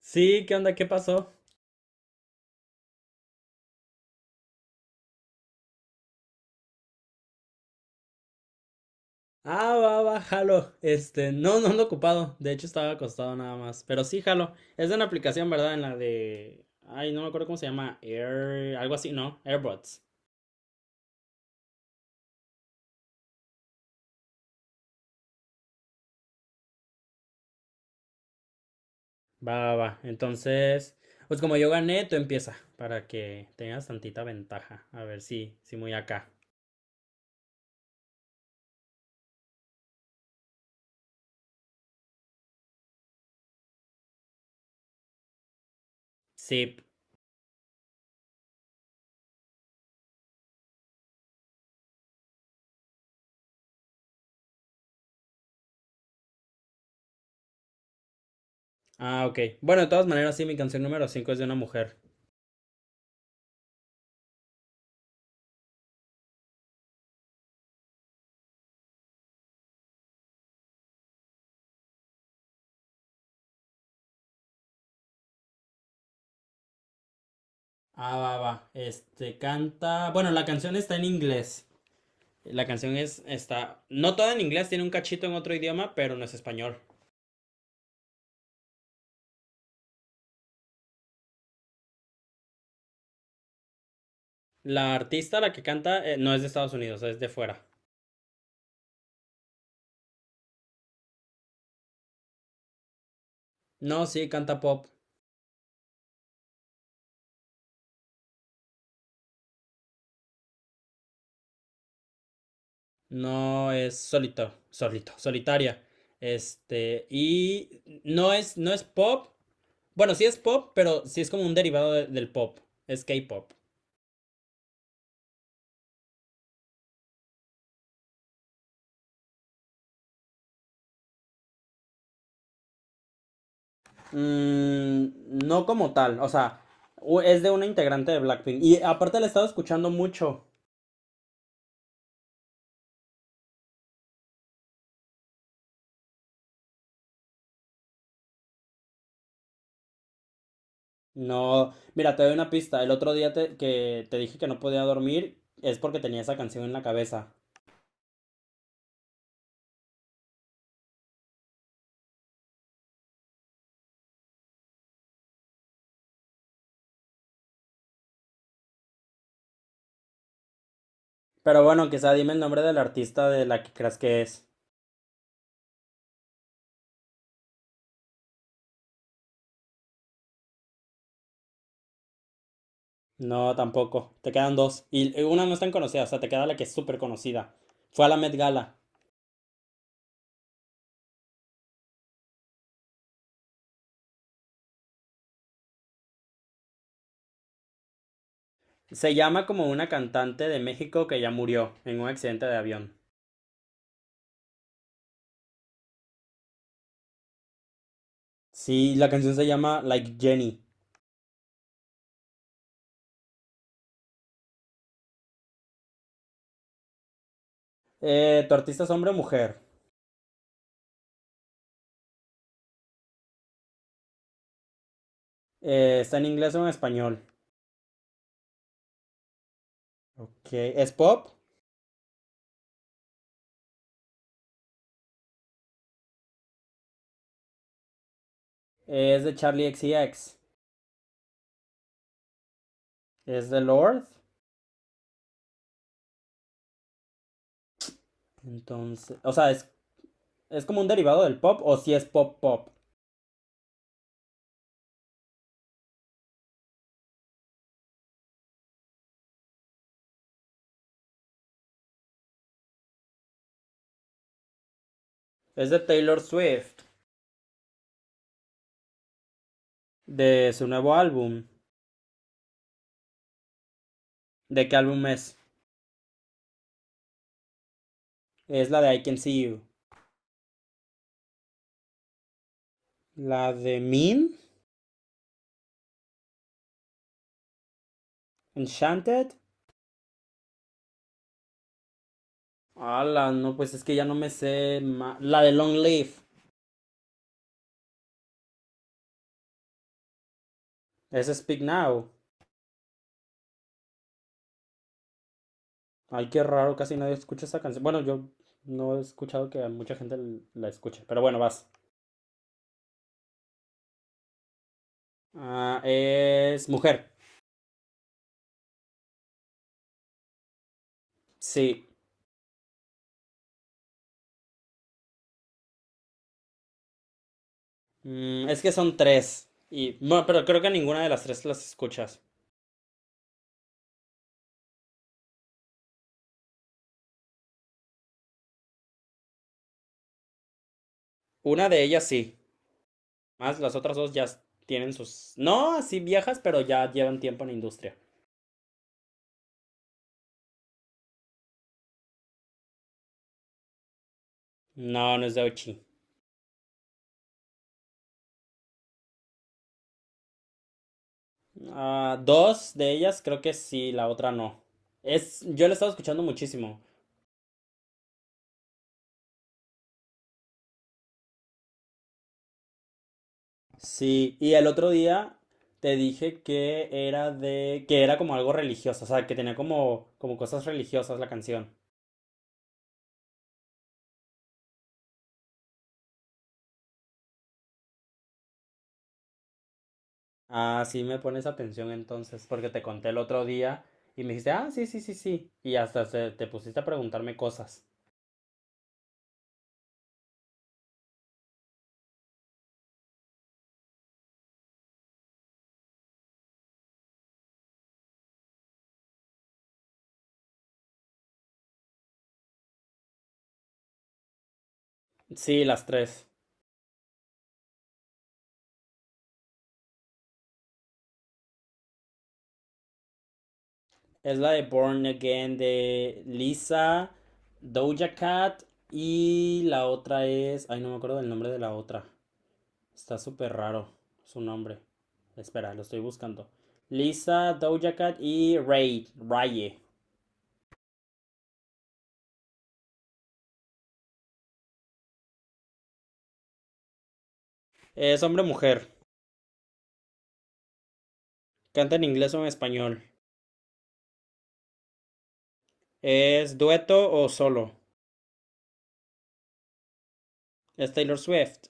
Sí, ¿qué onda? ¿Qué pasó? Ah, va, va, jalo. No ando ocupado. De hecho, estaba acostado nada más. Pero sí, jalo. Es de una aplicación, ¿verdad? En la de. Ay, no me acuerdo cómo se llama. Air. Algo así, ¿no? AirBots. Va, va, va. Entonces, pues como yo gané, tú empieza. Para que tengas tantita ventaja. A ver si, sí, muy acá. Sí. Ah, ok. Bueno, de todas maneras, sí, mi canción número 5 es de una mujer. Ah, va, va. Canta. Bueno, la canción está en inglés. La canción es, está, no toda en inglés, tiene un cachito en otro idioma, pero no es español. La artista, la que canta, no es de Estados Unidos, es de fuera. No, sí, canta pop. No es solitaria. Y no es pop. Bueno, sí es pop, pero sí es como un derivado del pop. Es K-pop. Mm, no como tal, o sea, es de una integrante de Blackpink. Y aparte la he estado escuchando mucho. No, mira, te doy una pista. El otro día que te dije que no podía dormir es porque tenía esa canción en la cabeza. Pero bueno, quizá dime el nombre del artista de la que creas que es. No, tampoco. Te quedan dos. Y una no es tan conocida, o sea, te queda la que es súper conocida. Fue a la Met Gala. Se llama como una cantante de México que ya murió en un accidente de avión. Sí, la canción se llama Like Jenny. ¿Tu artista es hombre o mujer? ¿Está en inglés o en español? Ok, ¿es pop? Es de Charlie X C X. Es de Lord. Entonces, o sea, es como un derivado del pop o si sí es pop pop. Es de Taylor Swift, de su nuevo álbum. ¿De qué álbum es? Es la de I Can See You. La de Mean, Enchanted. La no, pues es que ya no me sé. La de Long Live, es Speak Now. Ay, qué raro, casi nadie escucha esa canción. Bueno, yo no he escuchado que mucha gente la escuche, pero bueno, vas. Ah, es Mujer. Sí. Mm, es que son tres. Y no, pero creo que ninguna de las tres las escuchas. Una de ellas sí. Más las otras dos tienen sus. No, sí viejas, pero ya llevan tiempo en la industria. No, no es de Ochi. Ah, dos de ellas creo que sí, la otra no. Es, yo la estaba escuchando muchísimo. Sí, y el otro día te dije que era que era como algo religioso, o sea, que tenía como cosas religiosas la canción. Ah, sí me pones atención entonces, porque te conté el otro día y me dijiste, ah, sí, sí, sí, sí. Y hasta te pusiste a preguntarme cosas. Sí, las tres. Es la de Born Again de Lisa, Doja Cat y la otra es... Ay, no me acuerdo del nombre de la otra. Está súper raro su nombre. Espera, lo estoy buscando. Lisa, Doja Cat y Raye. Es hombre-mujer. Canta en inglés o en español. ¿Es dueto o solo? Es Taylor Swift.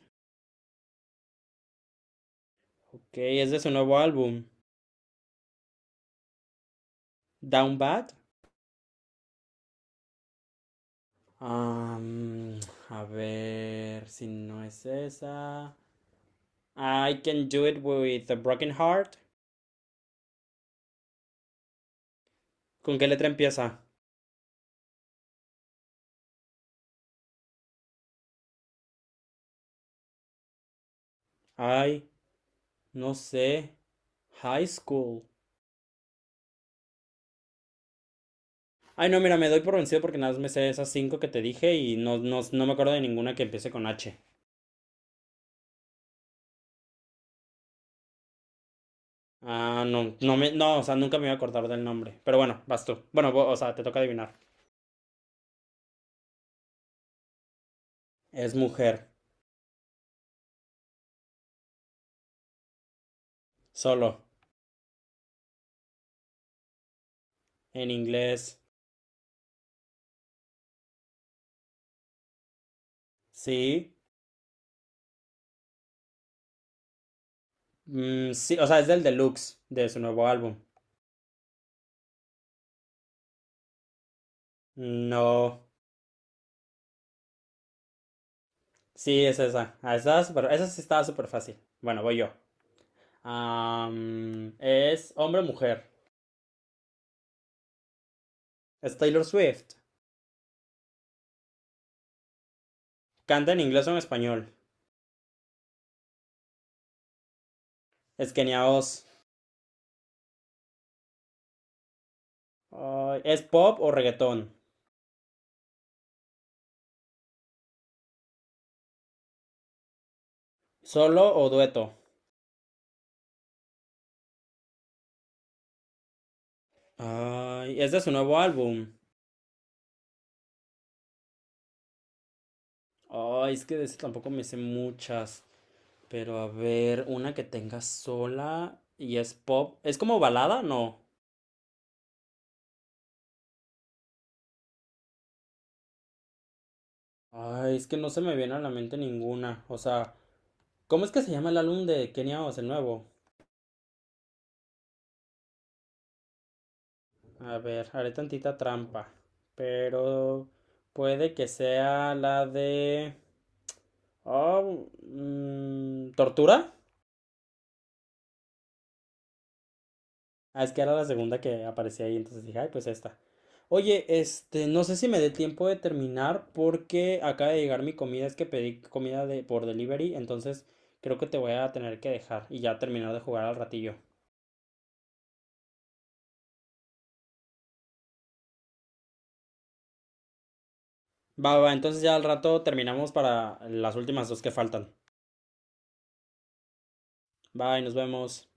Ok, es de su nuevo álbum, Down Bad. Am, a ver si no es esa. I can do it with a broken heart. ¿Con qué letra empieza? Ay, no sé. High school. Ay, no, mira, me doy por vencido porque nada más me sé esas cinco que te dije y no me acuerdo de ninguna que empiece con H. Ah, no, no, o sea, nunca me iba a acordar del nombre. Pero bueno, vas tú. Bueno, o sea, te toca adivinar. Es mujer, solo, en inglés. Sí. Mm, sí, o sea, es del deluxe de su nuevo álbum. No, sí, es esa. Ah, esa, es súper- esa sí estaba súper fácil. Bueno, voy yo. Es hombre o mujer. Es Taylor Swift. Canta en inglés o en español. Es Kenia Oz. Ay, es pop o reggaetón. Solo o dueto. Ay, es de su nuevo álbum. Ay, es que de ese tampoco me sé muchas. Pero a ver, una que tenga sola y es pop. ¿Es como balada? No. Ay, es que no se me viene a la mente ninguna. O sea, ¿cómo es que se llama el álbum de Kenia Oz, el nuevo? A ver, haré tantita trampa. Pero puede que sea la de... Oh, ¿tortura? Ah, es que era la segunda que aparecía ahí, entonces dije, ay, pues esta. Oye, no sé si me dé tiempo de terminar porque acaba de llegar mi comida, es que pedí comida por delivery, entonces creo que te voy a tener que dejar y ya terminar de jugar al ratillo. Va, va, va, entonces ya al rato terminamos para las últimas dos que faltan. Bye, nos vemos.